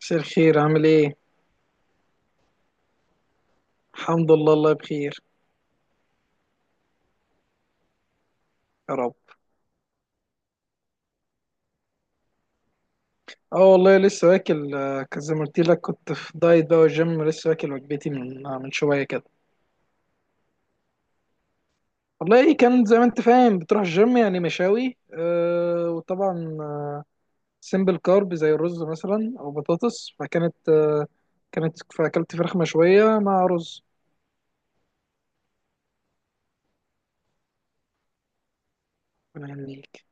مساء الخير، عامل ايه؟ الحمد لله الله بخير. يا رب. اه والله لسه واكل، زي ما قلت لك كنت في دايت بقى والجيم لسه واكل وجبتي من شويه كده. والله ايه، كان زي ما انت فاهم بتروح الجيم يعني مشاوي، وطبعا سيمبل كارب زي الرز مثلا او بطاطس، فكانت كانت فاكلت فراخ مشويه مع رز. من عندك.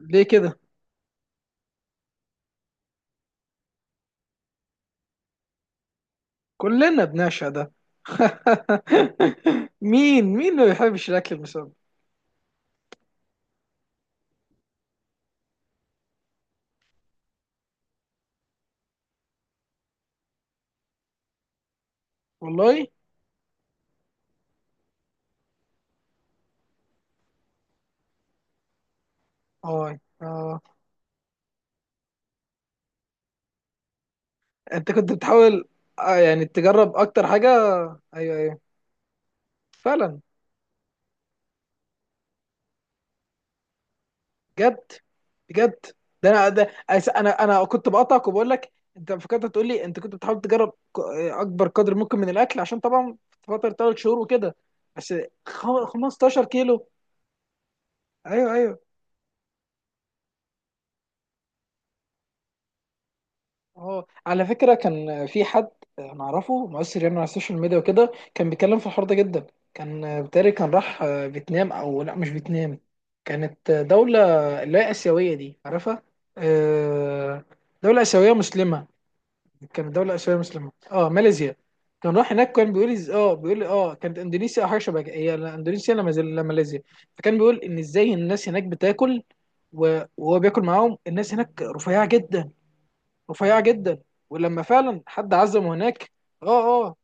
ليه كده؟ كلنا بنعشق ده. مين ما بيحبش الاكل المسبك. والله. اه، اه. انت كنت بتحاول، يعني تجرب اكتر حاجه. ايوه، ايوه. فعلا. بجد. بجد. ده انا ده، انا كنت بقطعك وبقول لك انت فكرت تقول لي انت كنت بتحاول تجرب اكبر قدر ممكن من الاكل، عشان طبعا في فتره ثلاث شهور وكده. بس 15 كيلو. ايوه، ايوه. اه، على فكرة كان في حد انا اعرفه مؤثر يعني على السوشيال ميديا وكده، كان بيتكلم في الحوار ده جدا. كان بتاري كان راح فيتنام، او لا، مش فيتنام، كانت دولة اللي هي آسيوية، دي عارفها، آه، دولة آسيوية مسلمة. كانت دولة آسيوية مسلمة، اه ماليزيا. كان راح هناك، كان بيقول اه بيقول اه كانت اندونيسيا او حاجه شبه كده. هي لا اندونيسيا، لا ماليزيا. فكان بيقول ان ازاي الناس هناك بتاكل، وهو بياكل معاهم. الناس هناك رفيعه جدا، رفيعة جدا. ولما فعلا حد عزمه هناك، اه اه،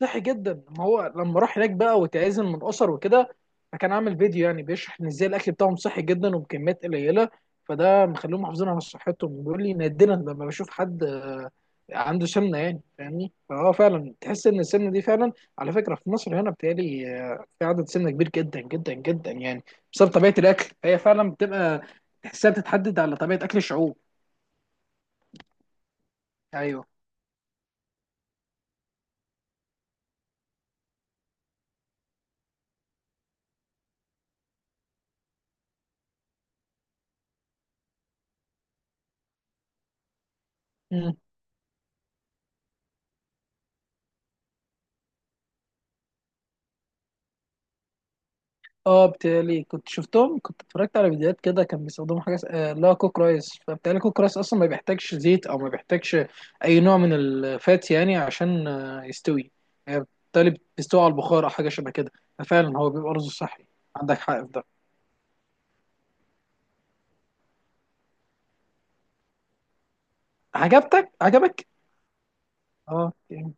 صحي جدا. ما هو لما راح هناك بقى وتعزم من اسر وكده، فكان عامل فيديو يعني بيشرح ان ازاي الاكل بتاعهم صحي جدا وبكميات قليله، فده مخليهم محافظين على صحتهم. بيقول لي نادرا لما بشوف حد عنده سمنه، يعني فاهمني، فهو فعلا تحس ان السمنه دي فعلا. على فكره في مصر هنا بتهيألي في عدد سمنه كبير جدا جدا جدا يعني، بسبب طبيعه الاكل. هي فعلا بتبقى تحسها بتتحدد على طبيعه اكل الشعوب. ايوه. اه بتهيألي كنت شفتهم، كنت اتفرجت على فيديوهات كده، كان بيستخدموا حاجه اللي هو كوك رايس. فبتهيألي كوك رايس اصلا ما بيحتاجش زيت، او ما بيحتاجش اي نوع من الفات، يعني عشان يستوي، يعني بالتالي بيستوي على البخار او حاجه شبه كده، ففعلا هو بيبقى رز صحي. عندك حق في ده. عجبتك، عجبك. اه يعني.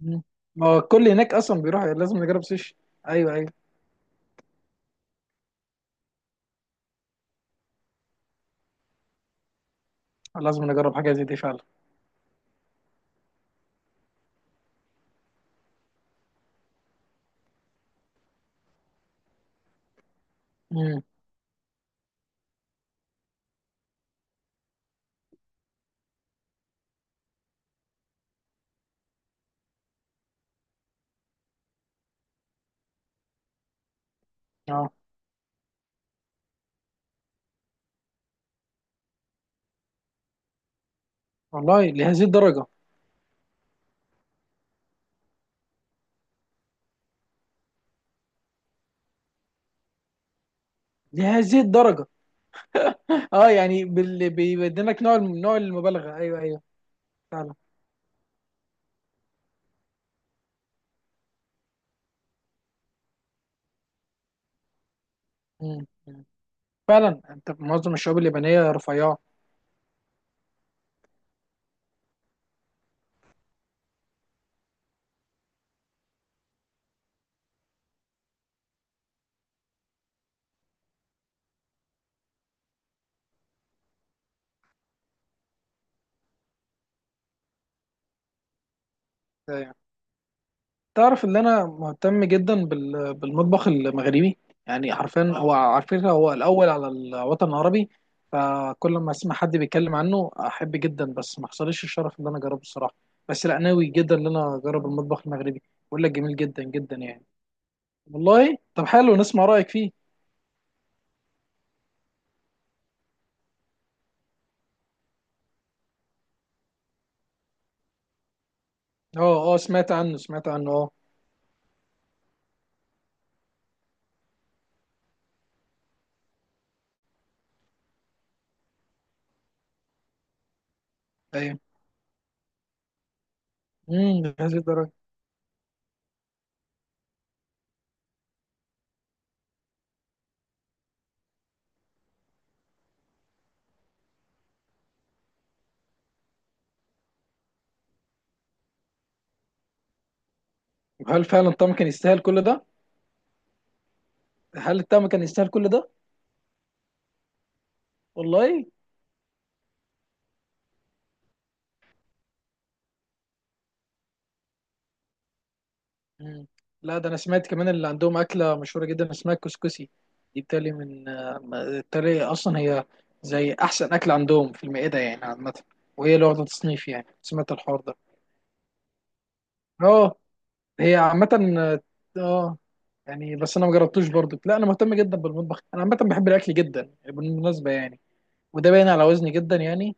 مم. ما هو الكل هناك اصلا بيروح لازم نجرب سوشي. ايوه، ايوه. لازم نجرب حاجه زي دي فعلا. امم. اه والله. لهذه الدرجه. لهذه الدرجه. اه يعني بال... بيبينك نوع نوع المبالغه. ايوه، ايوه. فعلا. مم. مم. فعلا انت معظم الشباب اليابانيه رفيعه. يعني تعرف ان انا مهتم جدا بال... بالمطبخ المغربي، يعني حرفيا هو عارفين هو الاول على الوطن العربي، فكل ما اسمع حد بيتكلم عنه احب جدا، بس ما حصلش الشرف ان انا اجربه الصراحه. بس لا ناوي جدا ان انا اجرب المطبخ المغربي. بقول لك جميل جدا جدا يعني. والله طب حلو نسمع رايك فيه. اه اه سمعت عنه، سمعت عنه اه. أيوة. امم. لهذه الدرجه. هل فعلا الطعم كان يستاهل كل ده؟ هل الطعم كان يستاهل كل ده؟ والله. مم. لا ده انا سمعت كمان اللي عندهم اكله مشهوره جدا اسمها الكسكسي. دي بتالي من آه، بالتالي اصلا هي زي احسن اكل عندهم في المائده يعني عامه، وهي اللي واخده تصنيف يعني، سمعت الحوار ده. اه. هي عامه اه. آه، يعني بس انا ما جربتوش برضو. لا انا مهتم جدا بالمطبخ، انا عامه بحب الاكل جدا بالمناسبه يعني، وده باين على وزني جدا يعني،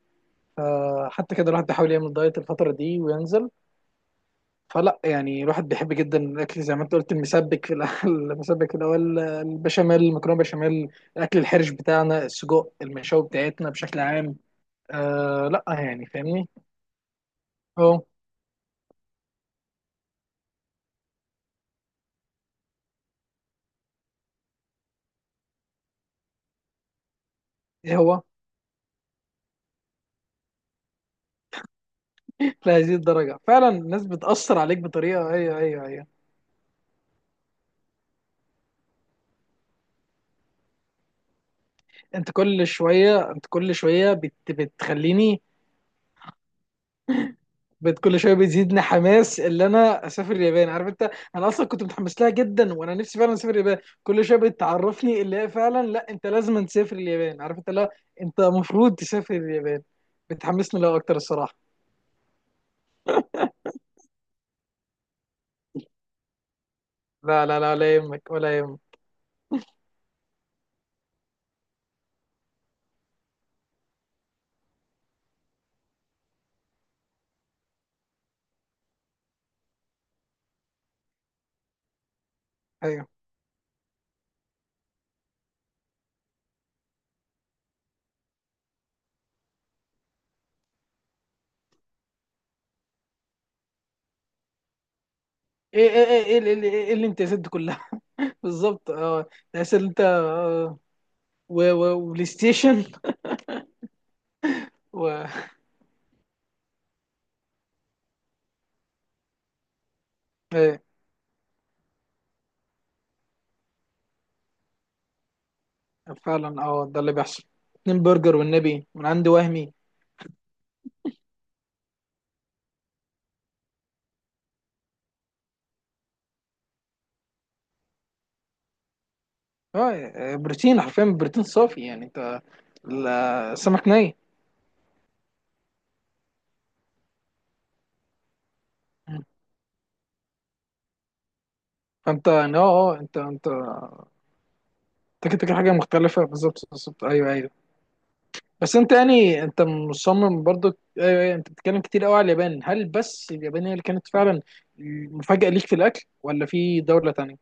فحتى كده الواحد بيحاول يعمل دايت الفترة دي وينزل. فلا يعني الواحد بيحب جدا الأكل زي ما أنت قلت المسبك في الأول. المسبك اللي هو البشاميل، المكرونة بشاميل، الأكل الحرش بتاعنا، السجق المشاوي بتاعتنا بشكل عام. آه لا يعني فاهمني. أه. إيه هو. لهذه الدرجة فعلا الناس بتأثر عليك بطريقة. أيوه، أيوه، أيوه. أنت كل شوية، أنت كل شوية بتخليني، بقت كل شويه بيزيدني حماس اللي انا اسافر اليابان، عارف انت. انا اصلا كنت متحمس لها جدا، وانا نفسي فعلا اسافر اليابان. كل شويه بتعرفني اللي هي فعلا لا انت لازم تسافر اليابان، عارف انت، لا انت المفروض تسافر اليابان. بتحمسني لها اكتر الصراحه. لا لا لا، لا يهمك ولا يهمك. ايوه. ايه، ايه، ايه، ايه، ايه، ايه، ايه الامتيازات دي كلها. بالظبط اه. تحس ان انت وبلاي ستيشن و ايه، فعلا اه ده اللي بيحصل. اتنين برجر والنبي من عند وهمي. اه بروتين، حرفيا بروتين صافي يعني انت، السمك ني. فانت يعني اه، اه، انت انت كده، كده حاجه مختلفه. بالظبط، بالظبط، ايوه ايوه. بس انت يعني انت مصمم برضو. ايوه ايوه انت بتتكلم كتير قوي على اليابان، هل بس اليابان هي اللي كانت فعلا مفاجاه ليك في الاكل، ولا في دوله تانية؟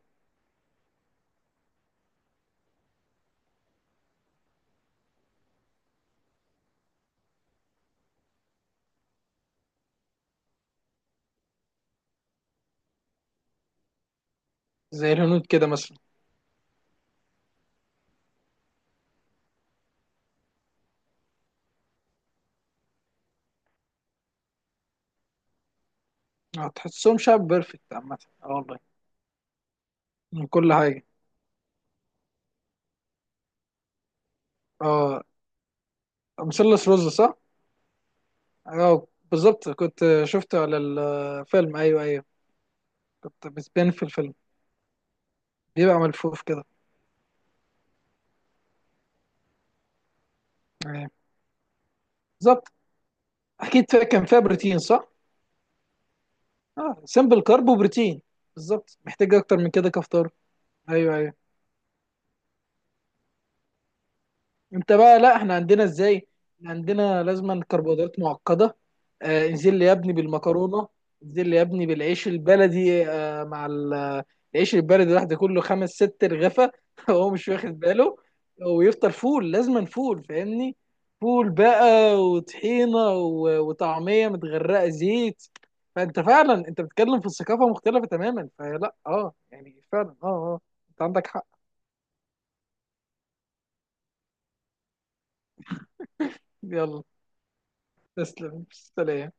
زي الهنود كده مثلا. اه، تحسهم شعب بيرفكت عامه. اه والله. من كل حاجه. اه. مثلث رز صح؟ اه بالظبط كنت شفته على الفيلم. ايوه، ايوه. كنت بتبان في الفيلم. بيبقى ملفوف كده. يعني. بالظبط. اكيد فيها، كان فيها بروتين صح؟ اه سمبل كارب وبروتين. بالظبط، محتاج اكتر من كده كفطار. ايوه، ايوه. انت بقى لا، احنا عندنا ازاي، احنا عندنا لازما كربوهيدرات معقده. آه انزل لي يا ابني بالمكرونه، انزل لي يا ابني بالعيش البلدي، مع العيش البلدي لوحده كله خمس ست رغفه هو مش واخد باله، ويفطر فول، لازما فول، فاهمني، فول بقى وطحينه وطعميه متغرقه زيت. فانت فعلا انت بتتكلم في الثقافه مختلفه تماما، فلا اه يعني فعلا اه اه، انت عندك حق. يلا، تسلم، سلام.